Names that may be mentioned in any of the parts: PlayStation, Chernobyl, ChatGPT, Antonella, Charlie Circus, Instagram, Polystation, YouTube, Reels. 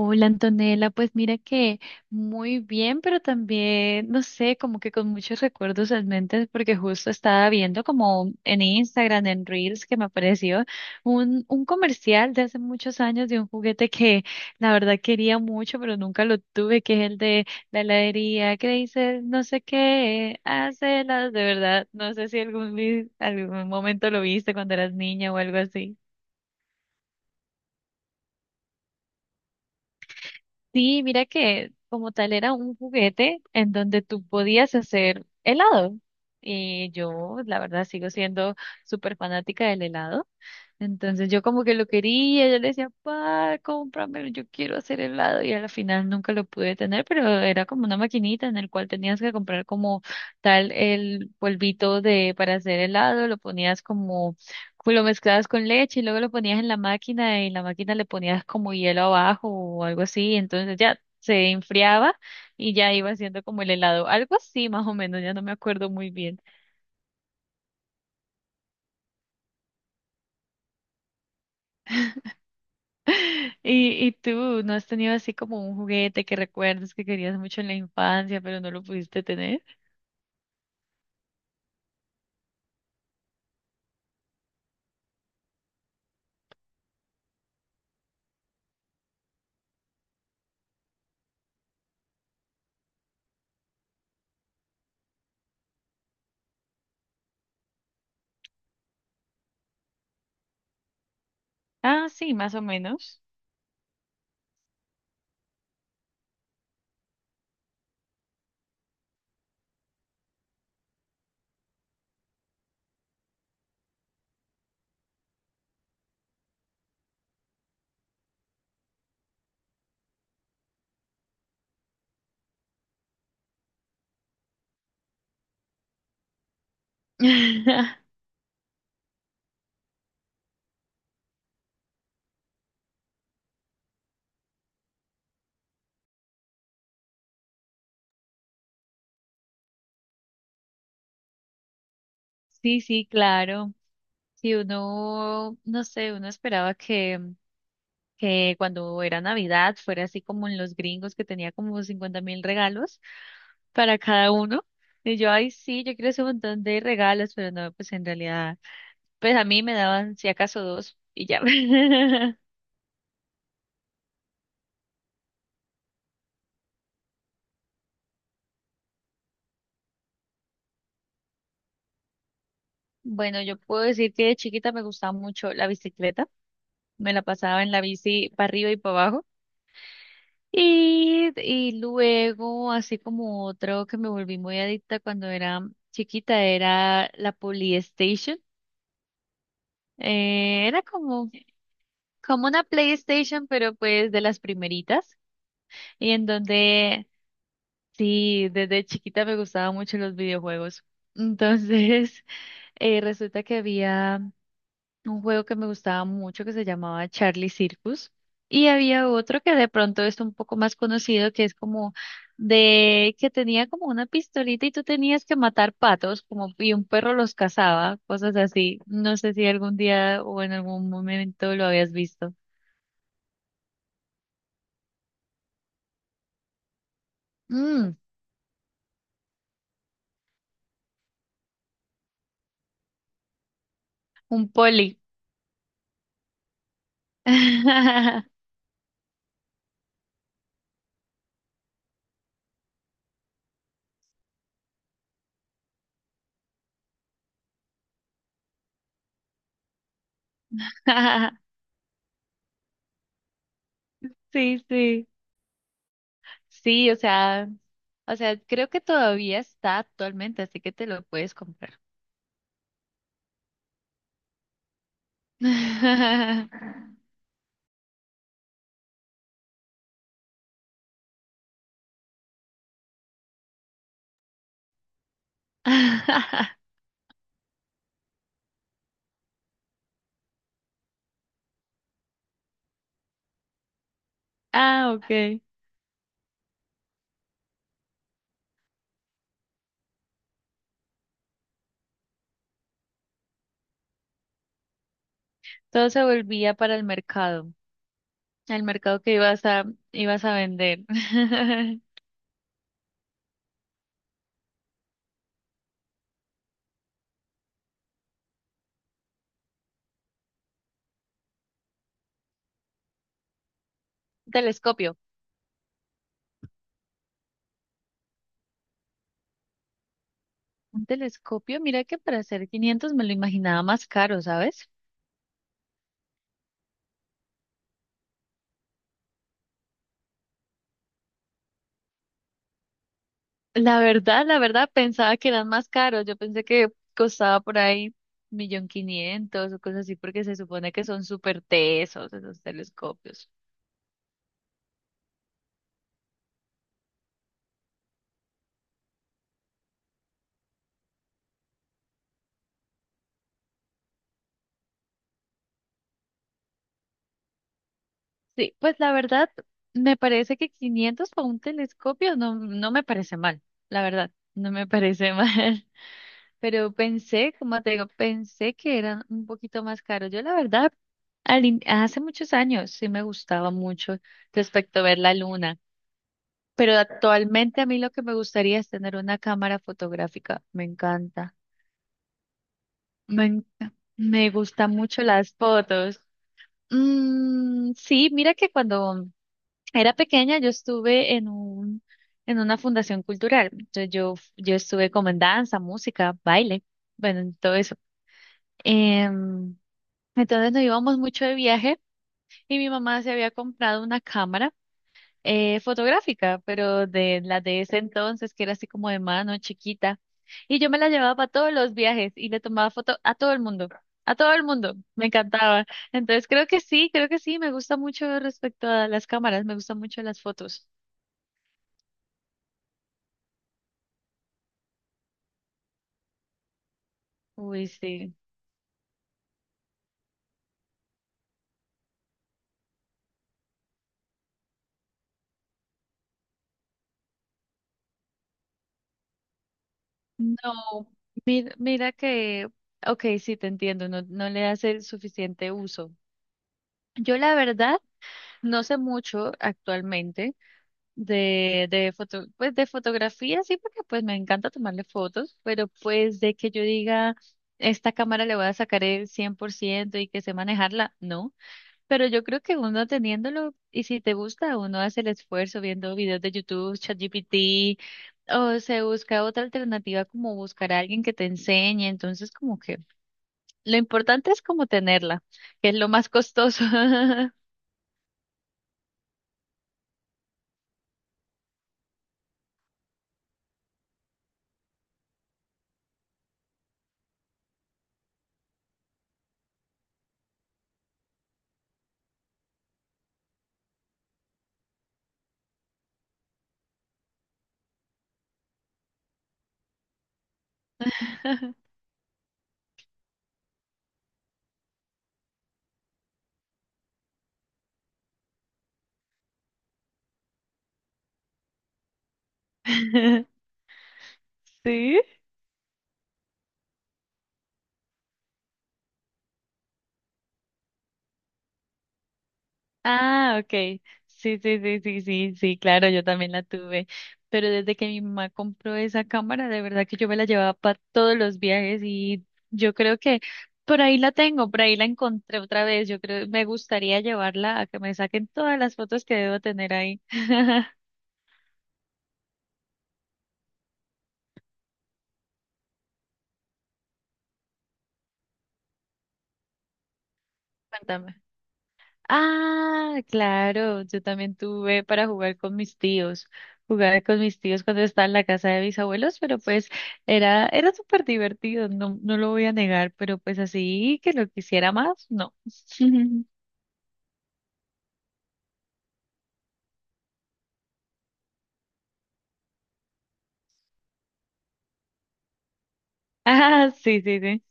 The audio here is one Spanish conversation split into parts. Hola Antonella, pues mira que muy bien, pero también, no sé, como que con muchos recuerdos en mente, porque justo estaba viendo como en Instagram, en Reels, que me apareció un comercial de hace muchos años de un juguete que la verdad quería mucho, pero nunca lo tuve, que es el de la heladería, que dice no sé qué, hace las de verdad, no sé si algún momento lo viste cuando eras niña o algo así. Sí, mira que como tal era un juguete en donde tú podías hacer helado. Y yo, la verdad, sigo siendo súper fanática del helado. Entonces yo como que lo quería, yo le decía, pa, cómpramelo, yo quiero hacer helado. Y al final nunca lo pude tener, pero era como una maquinita en el cual tenías que comprar como tal el polvito de para hacer helado, lo ponías como pues lo mezclabas con leche y luego lo ponías en la máquina y en la máquina le ponías como hielo abajo o algo así, entonces ya se enfriaba y ya iba haciendo como el helado, algo así más o menos, ya no me acuerdo muy bien. ¿Y tú no has tenido así como un juguete que recuerdes que querías mucho en la infancia, pero no lo pudiste tener? Ah, sí, más o menos. Sí, sí, claro. Si uno, no sé, uno esperaba que cuando era Navidad fuera así como en los gringos que tenía como 50.000 regalos para cada uno. Y yo, ay, sí, yo quiero ese montón de regalos, pero no, pues en realidad, pues a mí me daban si acaso dos y ya. Bueno, yo puedo decir que de chiquita me gustaba mucho la bicicleta, me la pasaba en la bici para arriba y para abajo. Y luego, así como otro que me volví muy adicta cuando era chiquita, era la Polystation. Era como una PlayStation, pero pues de las primeritas, y en donde sí, desde chiquita me gustaban mucho los videojuegos. Entonces, resulta que había un juego que me gustaba mucho que se llamaba Charlie Circus y había otro que de pronto es un poco más conocido que es como de que tenía como una pistolita y tú tenías que matar patos como y un perro los cazaba, cosas así. No sé si algún día o en algún momento lo habías visto. Un poli. Sí, sí. Sí, o sea, creo que todavía está actualmente, así que te lo puedes comprar. Ah, ok. Todo se volvía para el mercado que ibas a, ibas a vender. Un telescopio. Un telescopio, mira que para hacer 500 me lo imaginaba más caro, ¿sabes? La verdad, pensaba que eran más caros. Yo pensé que costaba por ahí 1.500.000 o cosas así, porque se supone que son súper tesos esos telescopios. Sí, pues la verdad, me parece que 500 para un telescopio no, no me parece mal. La verdad, no me parece mal. Pero pensé, como te digo, pensé que eran un poquito más caros. Yo la verdad, al in- hace muchos años sí me gustaba mucho respecto a ver la luna. Pero actualmente a mí lo que me gustaría es tener una cámara fotográfica. Me encanta. Me gustan mucho las fotos. Mm, sí, mira que cuando era pequeña yo estuve en una fundación cultural. Entonces yo estuve como en danza, música, baile, bueno, en todo eso. Em, entonces nos íbamos mucho de viaje y mi mamá se había comprado una cámara fotográfica, pero de la de ese entonces, que era así como de mano chiquita. Y yo me la llevaba para todos los viajes y le tomaba foto a todo el mundo, a todo el mundo, me encantaba. Entonces creo que sí, me gusta mucho respecto a las cámaras, me gustan mucho las fotos. Uy, sí. No, mira, mira que, ok, sí, te entiendo, no, no le hace el suficiente uso. Yo la verdad no sé mucho actualmente de foto, pues de fotografía, sí, porque pues me encanta tomarle fotos, pero pues de que yo diga, esta cámara le voy a sacar el 100% y que sé manejarla, no, pero yo creo que uno teniéndolo y si te gusta, uno hace el esfuerzo viendo videos de YouTube, ChatGPT, o se busca otra alternativa como buscar a alguien que te enseñe, entonces como que lo importante es como tenerla, que es lo más costoso. Sí. Ah, okay. Sí, sí, sí, sí, sí, sí, claro, yo también la tuve. Pero desde que mi mamá compró esa cámara, de verdad que yo me la llevaba para todos los viajes y yo creo que por ahí la tengo, por ahí la encontré otra vez. Yo creo, me gustaría llevarla a que me saquen todas las fotos que debo tener ahí. Cuéntame. Ah, claro, yo también tuve para jugar con mis tíos. Jugaba con mis tíos cuando estaba en la casa de mis abuelos, pero pues era, era súper divertido, no, no lo voy a negar, pero pues así que lo quisiera más, no. Ah, sí, sí, sí.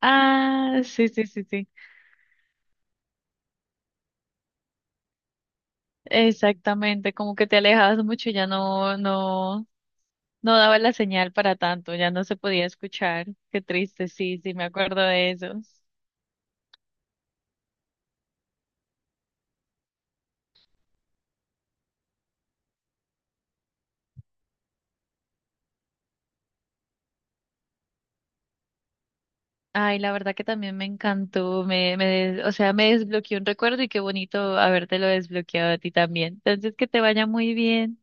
Ah, sí, sí, sí, sí. Exactamente, como que te alejabas mucho, ya no, no, no daba la señal para tanto, ya no se podía escuchar. Qué triste, sí, sí, me acuerdo de eso. Ay, la verdad que también me encantó, o sea, me desbloqueó un recuerdo y qué bonito habértelo desbloqueado a ti también. Entonces, que te vaya muy bien.